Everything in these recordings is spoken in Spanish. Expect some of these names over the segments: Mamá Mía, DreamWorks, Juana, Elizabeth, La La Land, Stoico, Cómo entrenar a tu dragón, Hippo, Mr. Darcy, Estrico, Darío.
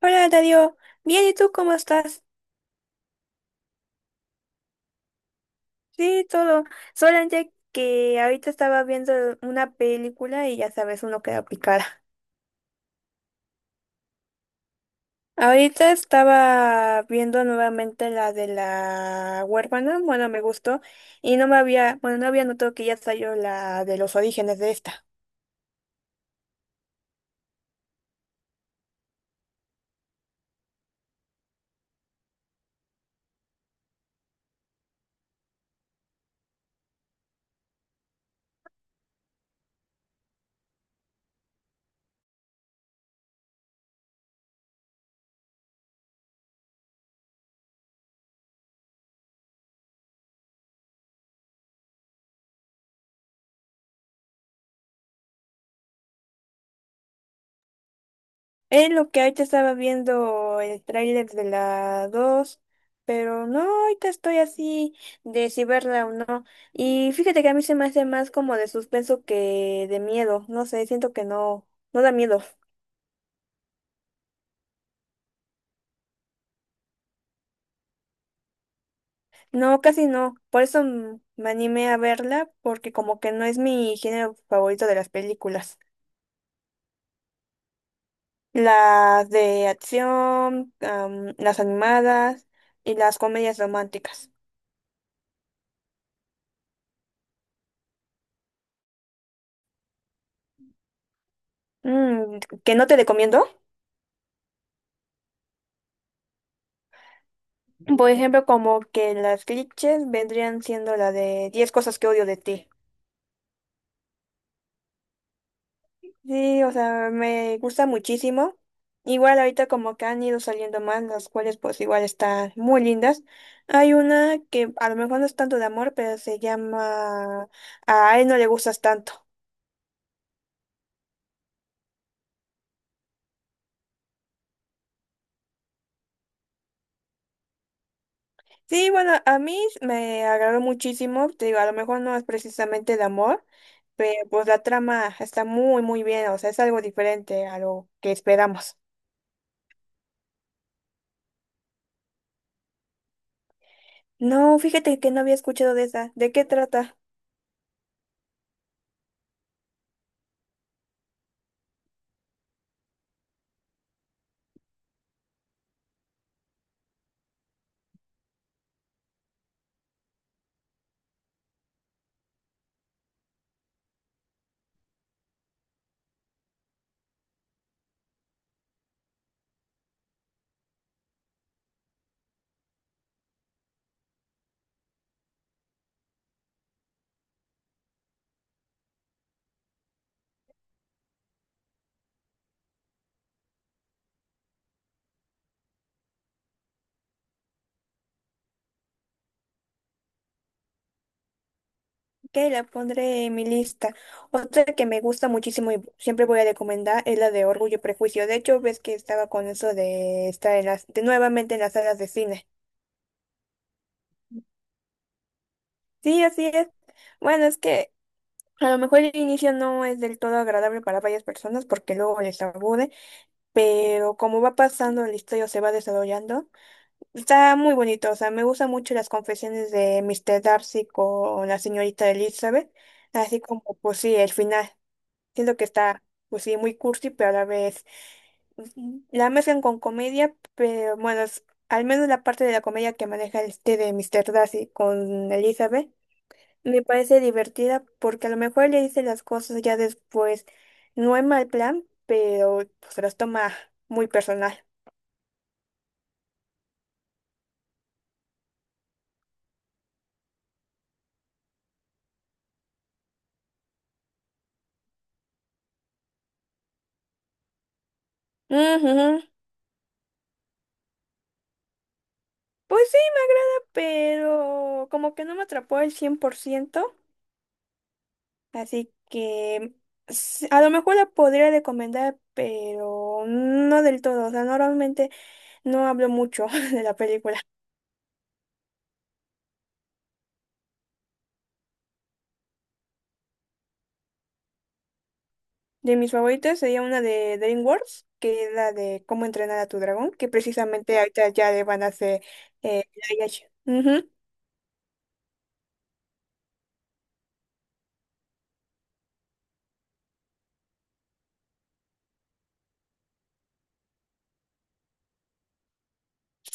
Hola, Darío. Bien, ¿y tú cómo estás? Sí, todo. Solamente que ahorita estaba viendo una película y ya sabes, uno queda picada. Ahorita estaba viendo nuevamente la de la huérfana, bueno, me gustó, y no me había, bueno, no había notado que ya salió la de los orígenes de esta. Es lo que ahorita estaba viendo el tráiler de la 2, pero no, ahorita estoy así de si verla o no. Y fíjate que a mí se me hace más como de suspenso que de miedo. No sé, siento que no, no da miedo. No, casi no. Por eso me animé a verla, porque como que no es mi género favorito de las películas. Las de acción, las animadas y las comedias románticas. Mm, ¿que no te recomiendo? Por ejemplo, como que las clichés vendrían siendo la de 10 cosas que odio de ti. Sí, o sea, me gusta muchísimo. Igual ahorita como que han ido saliendo más, las cuales pues igual están muy lindas. Hay una que a lo mejor no es tanto de amor, pero se llama A él no le gustas tanto. Sí, bueno, a mí me agradó muchísimo. Te digo, a lo mejor no es precisamente de amor, pero pues la trama está muy, muy bien. O sea, es algo diferente a lo que esperamos. No, fíjate que no había escuchado de esa. ¿De qué trata? Ok, la pondré en mi lista. Otra que me gusta muchísimo y siempre voy a recomendar es la de Orgullo y Prejuicio. De hecho, ves que estaba con eso de estar en las, de nuevamente en las salas de cine. Sí, así es. Bueno, es que a lo mejor el inicio no es del todo agradable para varias personas porque luego les aburre, pero como va pasando la historia o se va desarrollando. Está muy bonito, o sea, me gustan mucho las confesiones de Mr. Darcy con la señorita Elizabeth, así como, pues sí, el final. Siento que está, pues sí, muy cursi, pero a la vez la mezclan con comedia, pero bueno, es al menos la parte de la comedia que maneja este de Mr. Darcy con Elizabeth me parece divertida porque a lo mejor le dice las cosas ya después, no es mal plan, pero pues se las toma muy personal. Ujú. Pues sí, me agrada, pero como que no me atrapó al 100%, así que s- a lo mejor la podría recomendar, pero no del todo, o sea, normalmente no hablo mucho de la película. De mis favoritas sería una de DreamWorks, que es la de Cómo entrenar a tu dragón, que precisamente ahorita ya le van a hacer eh, live action. Ujú.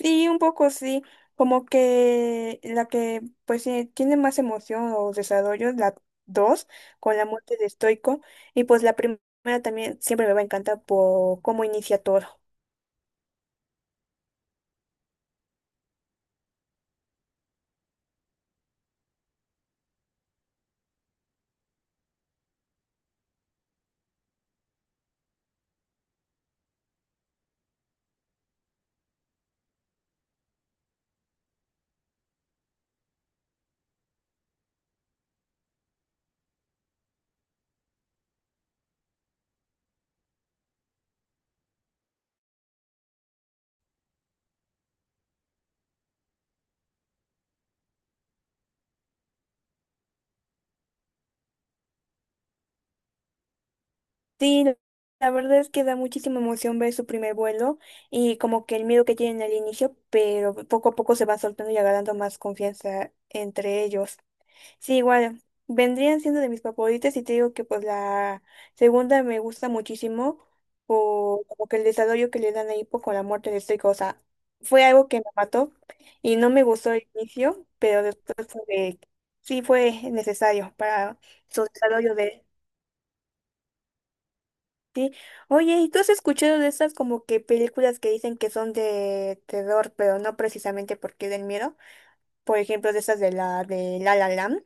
Sí, un poco sí, como que la que pues sí, tiene más emoción o desarrollo, la 2 con la muerte de Stoico, y pues la primera también siempre me va a encantar por cómo inicia todo. Sí, la verdad es que da muchísima emoción ver su primer vuelo y como que el miedo que tienen al inicio, pero poco a poco se van soltando y agarrando más confianza entre ellos. Sí, igual, vendrían siendo de mis favoritas y te digo que pues la segunda me gusta muchísimo por como que el desarrollo que le dan a Hippo con la muerte de Estrico, o sea, fue algo que me mató y no me gustó al inicio, pero después fue de- sí fue necesario para su desarrollo de sí. Oye, ¿y tú has escuchado de esas como que películas que dicen que son de terror, pero no precisamente porque den miedo? Por ejemplo, de esas de La La Land.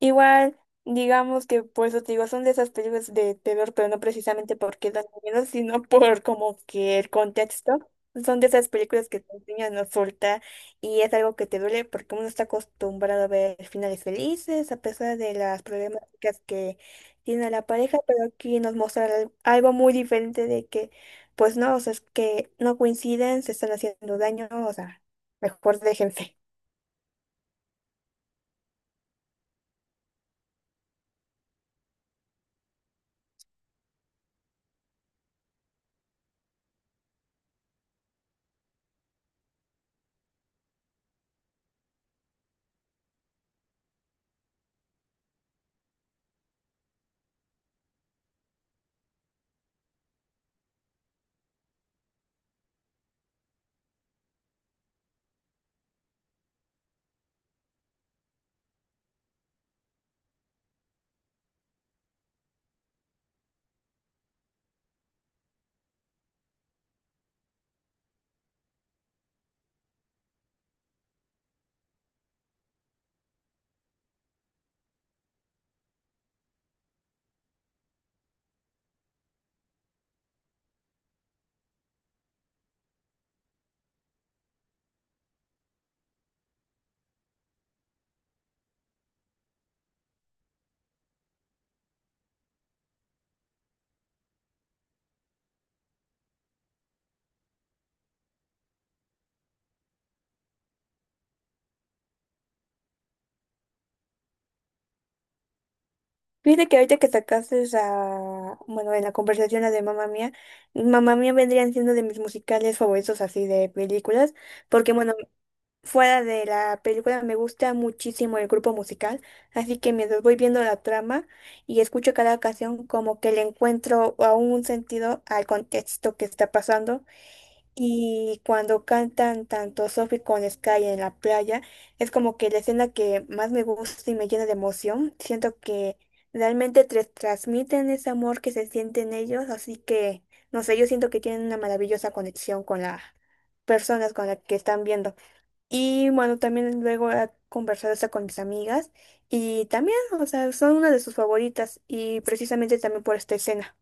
Igual, digamos que por eso te digo, son de esas películas de terror, pero no precisamente porque dan miedo, sino por como que el contexto. Son de esas películas que te enseñan a soltar y es algo que te duele porque uno está acostumbrado a ver finales felices a pesar de las problemáticas que tiene la pareja, pero aquí nos muestra al- algo muy diferente de que, pues no, o sea, es que no coinciden, se están haciendo daño, o sea, mejor déjense. Fíjate que ahorita que sacaste a, bueno, en la conversación la de Mamá Mía, Mamá Mía vendrían siendo de mis musicales favoritos así de películas, porque bueno, fuera de la película me gusta muchísimo el grupo musical, así que mientras voy viendo la trama y escucho cada canción como que le encuentro a un sentido al contexto que está pasando y cuando cantan tanto Sophie con Sky en la playa, es como que la escena que más me gusta y me llena de emoción. Siento que realmente te transmiten ese amor que se siente en ellos, así que, no sé, yo siento que tienen una maravillosa conexión con las personas con las que están viendo. Y bueno, también luego he conversado esto con mis amigas y también, o sea, son una de sus favoritas y precisamente también por esta escena.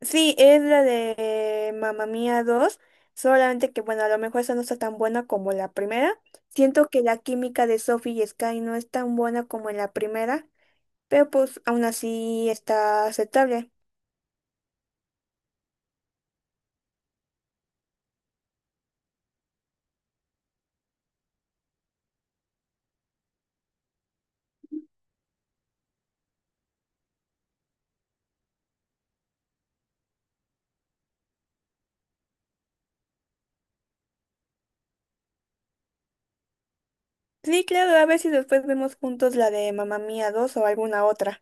Sí, es la de Mamma Mía dos. Solamente que bueno, a lo mejor esa no está tan buena como la primera. Siento que la química de Sophie y Sky no es tan buena como en la primera, pero pues aún así está aceptable. Sí, claro, a ver si después vemos juntos la de Mamma Mía dos o alguna otra.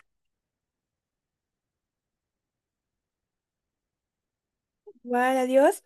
Igual, adiós.